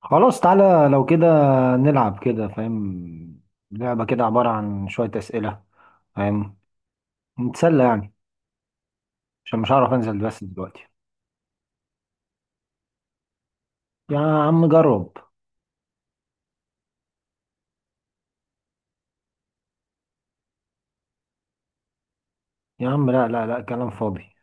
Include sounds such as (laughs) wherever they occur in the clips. خلاص، تعالى لو كده نلعب كده، فاهم. لعبة كده عبارة عن شوية أسئلة، فاهم. نتسلى يعني، عشان مش هعرف أنزل بس دلوقتي. يا عم جرب. يا عم لا لا لا، كلام فاضي.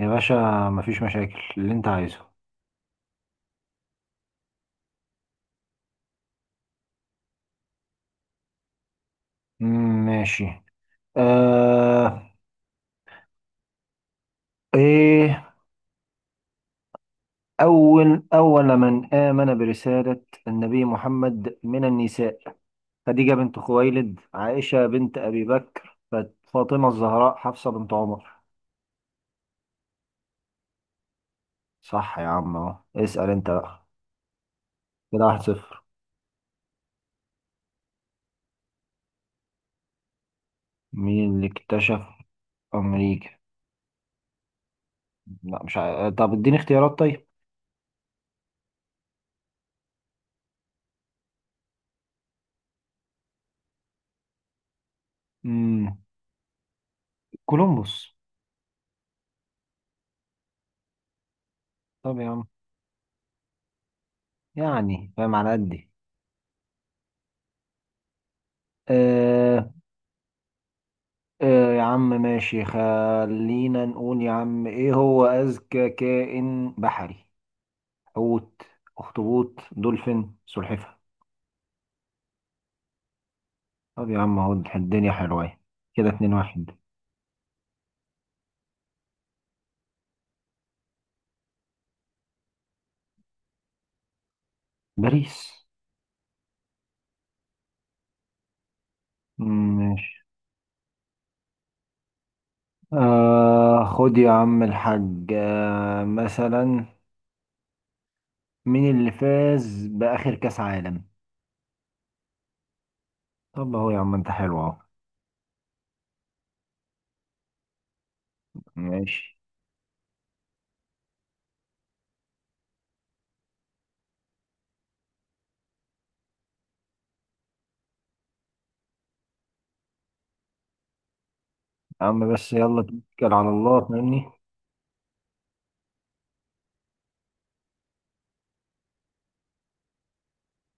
يا باشا، مفيش مشاكل اللي أنت عايزه. مم، ماشي. آه إيه أول من آمن برسالة النبي محمد من النساء؟ خديجة بنت خويلد، عائشة بنت أبي بكر، فاطمة الزهراء، حفصة بنت عمر؟ صح يا عم اهو، اسأل انت بقى. كده 1-0. مين اللي اكتشف امريكا؟ لا، مش عارف. طب اديني اختيارات طيب. امم كولومبوس. طب يا عم. يعني فاهم على قدي. آه، آه، يا عم ماشي، خلينا نقول، يا عم، ايه هو اذكى كائن بحري؟ حوت، اخطبوط، دولفين، سلحفاة؟ طب يا عم اهو، الدنيا حلوة أهي. كده 2-1. باريس. مم، ماشي. خد يا عم الحاج، مثلا، مين اللي فاز بآخر كأس عالم؟ طب اهو يا عم، انت حلو اهو. ماشي. يا عم بس يلا توكل على الله فاهمني.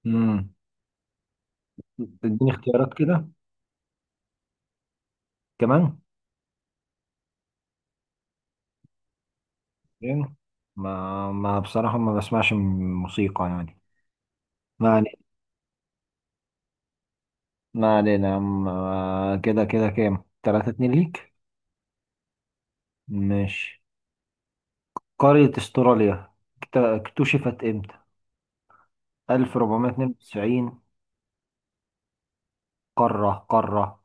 امم تديني اختيارات كده؟ كمان. يعني، ما بصراحة ما بسمعش موسيقى يعني. ما علينا، ما علينا يا عم، كده كده كام؟ 3-2 ليك. ماشي. قارة استراليا اكتشفت امتى؟ 1492؟ قارة، قارة.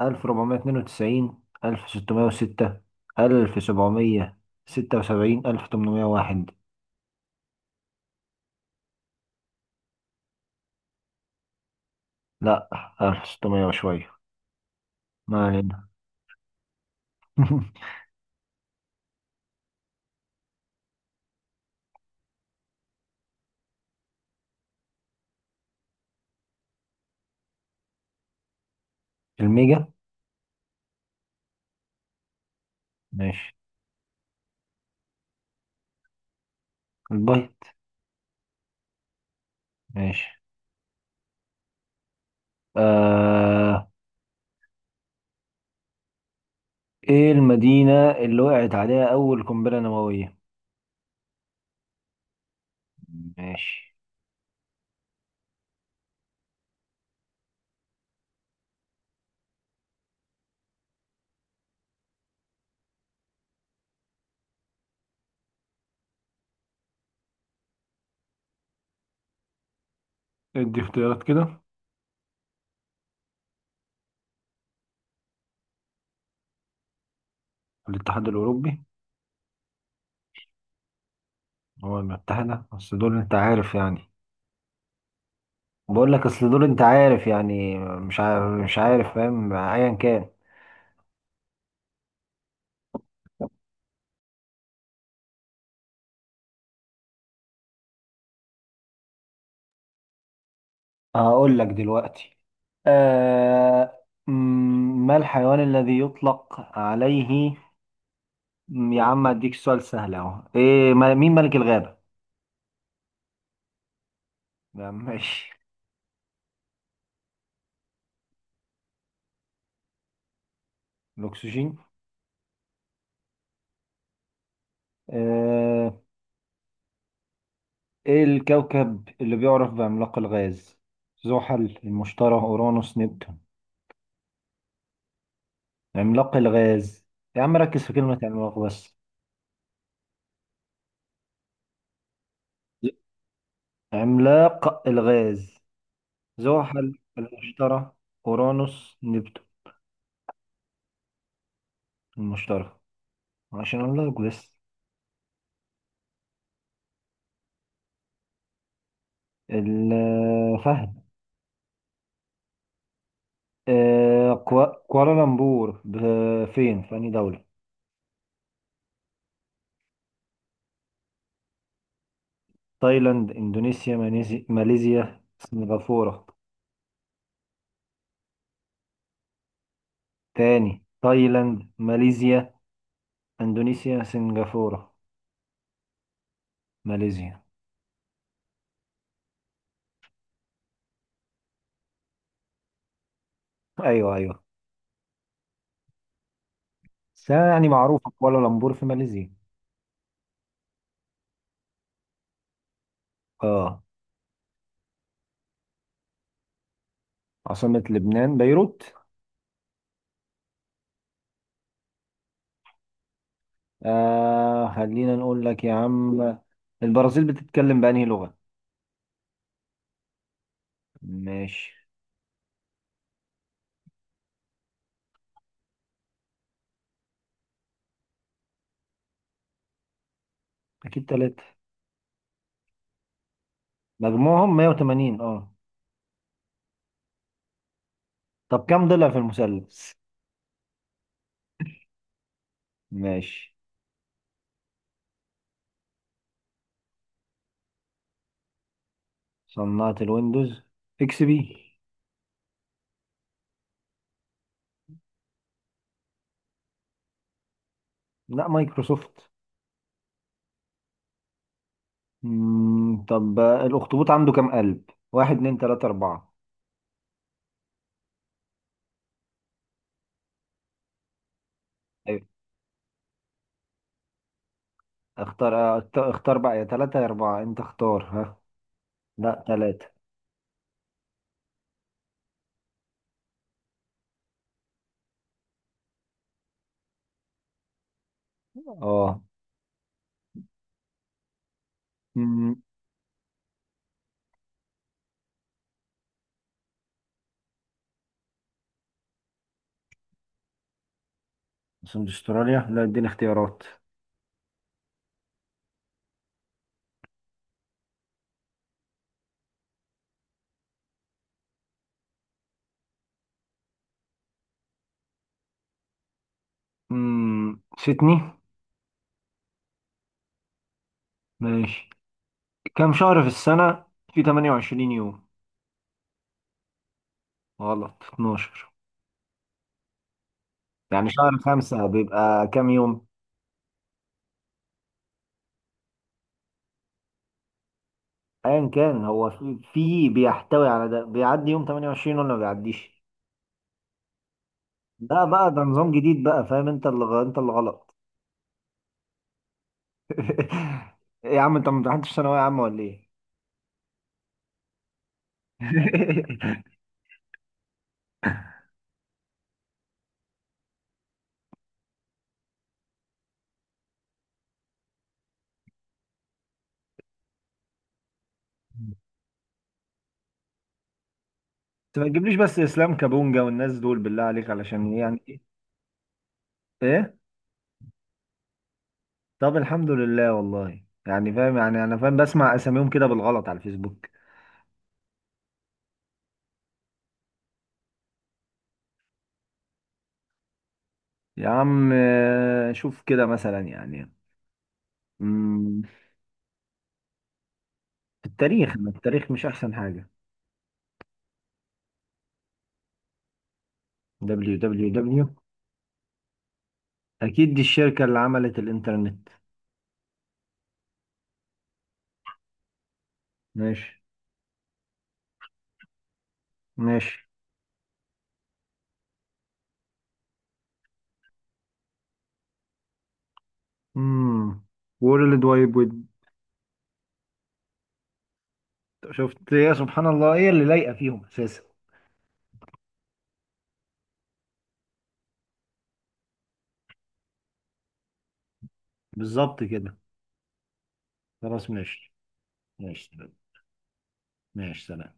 1492، 1606، 1776، 1801؟ لا، 1600 وشوية. ما علينا. (laughs) الميجا. ماشي. البايت. ماشي. آه... ايه المدينة اللي وقعت عليها أول قنبلة نووية؟ ماشي. ادي اختيارات كده. الاتحاد الأوروبي. هو المتحدة، بس دول انت عارف يعني. بقول لك، اصل دول انت عارف يعني، مش عارف مش عارف فاهم، ايا كان. هقول لك دلوقتي. ما الحيوان الذي يطلق عليه. يا عم اديك سؤال سهل اهو، ايه مين ملك الغابة؟ لا، ماشي. الاكسجين. آه ايه الكوكب اللي بيعرف بعملاق الغاز؟ زحل، المشتري، اورانوس، نبتون؟ عملاق الغاز. يا عم ركز في كلمة عملاق بس. عملاق الغاز. زحل، المشتري، اورانوس، نبتون. المشتري. عشان اقول لك بس. الفهد. كوالالمبور فين؟ في أنهي دولة؟ تايلاند، إندونيسيا، ماليزيا، سنغافورة؟ تاني: تايلاند، ماليزيا، إندونيسيا، سنغافورة. ماليزيا. أيوه، أيوه، بس يعني معروفة كوالالمبور في ماليزيا. اه. عاصمة لبنان بيروت. خلينا نقول لك يا عم، البرازيل بتتكلم بأنهي لغة؟ ماشي. أكيد تلاتة. مجموعهم 180، اه. طب كم ضلع في المثلث؟ ماشي. صناعة الويندوز اكس بي. لا، مايكروسوفت. طب الاخطبوط عنده كم قلب؟ واحد، اتنين، تلاتة، اربعة؟ ايوه. اختار اختار بقى، يا تلاتة يا اربعة، انت اختار، ها. لا، تلاتة. اه. مم، سند استراليا، لا، اديني اختيارات. سيدني. ماشي. كم شهر في السنة في 28 يوم؟ غلط. 12. يعني شهر خمسة بيبقى كم يوم؟ ايا كان، هو في بيحتوي على ده، بيعدي يوم 28 ولا ما بيعديش. لا بقى، ده نظام جديد بقى، فاهم؟ انت اللي غلط. (laughs) إيه يا عم، انت ما امتحنتش ثانويه عامه ولا ايه؟ (laughs) انت ما تجيبليش بس اسلام كابونجا والناس دول، بالله عليك، علشان يعني ايه؟ إيه؟ طب الحمد لله، والله يعني فاهم، يعني انا فاهم، بسمع اساميهم كده بالغلط على الفيسبوك. يا عم شوف كده مثلا يعني. مم، في التاريخ، ما التاريخ مش احسن حاجه؟ www. اكيد دي الشركة اللي عملت الانترنت. ماشي. ماشي. امم وورلد وايد ويب. شفت إيه؟ يا سبحان الله، ايه اللي لايقة فيهم اساسا. بالظبط كده. خلاص ماشي. ماشي سلام. ماشي سلام.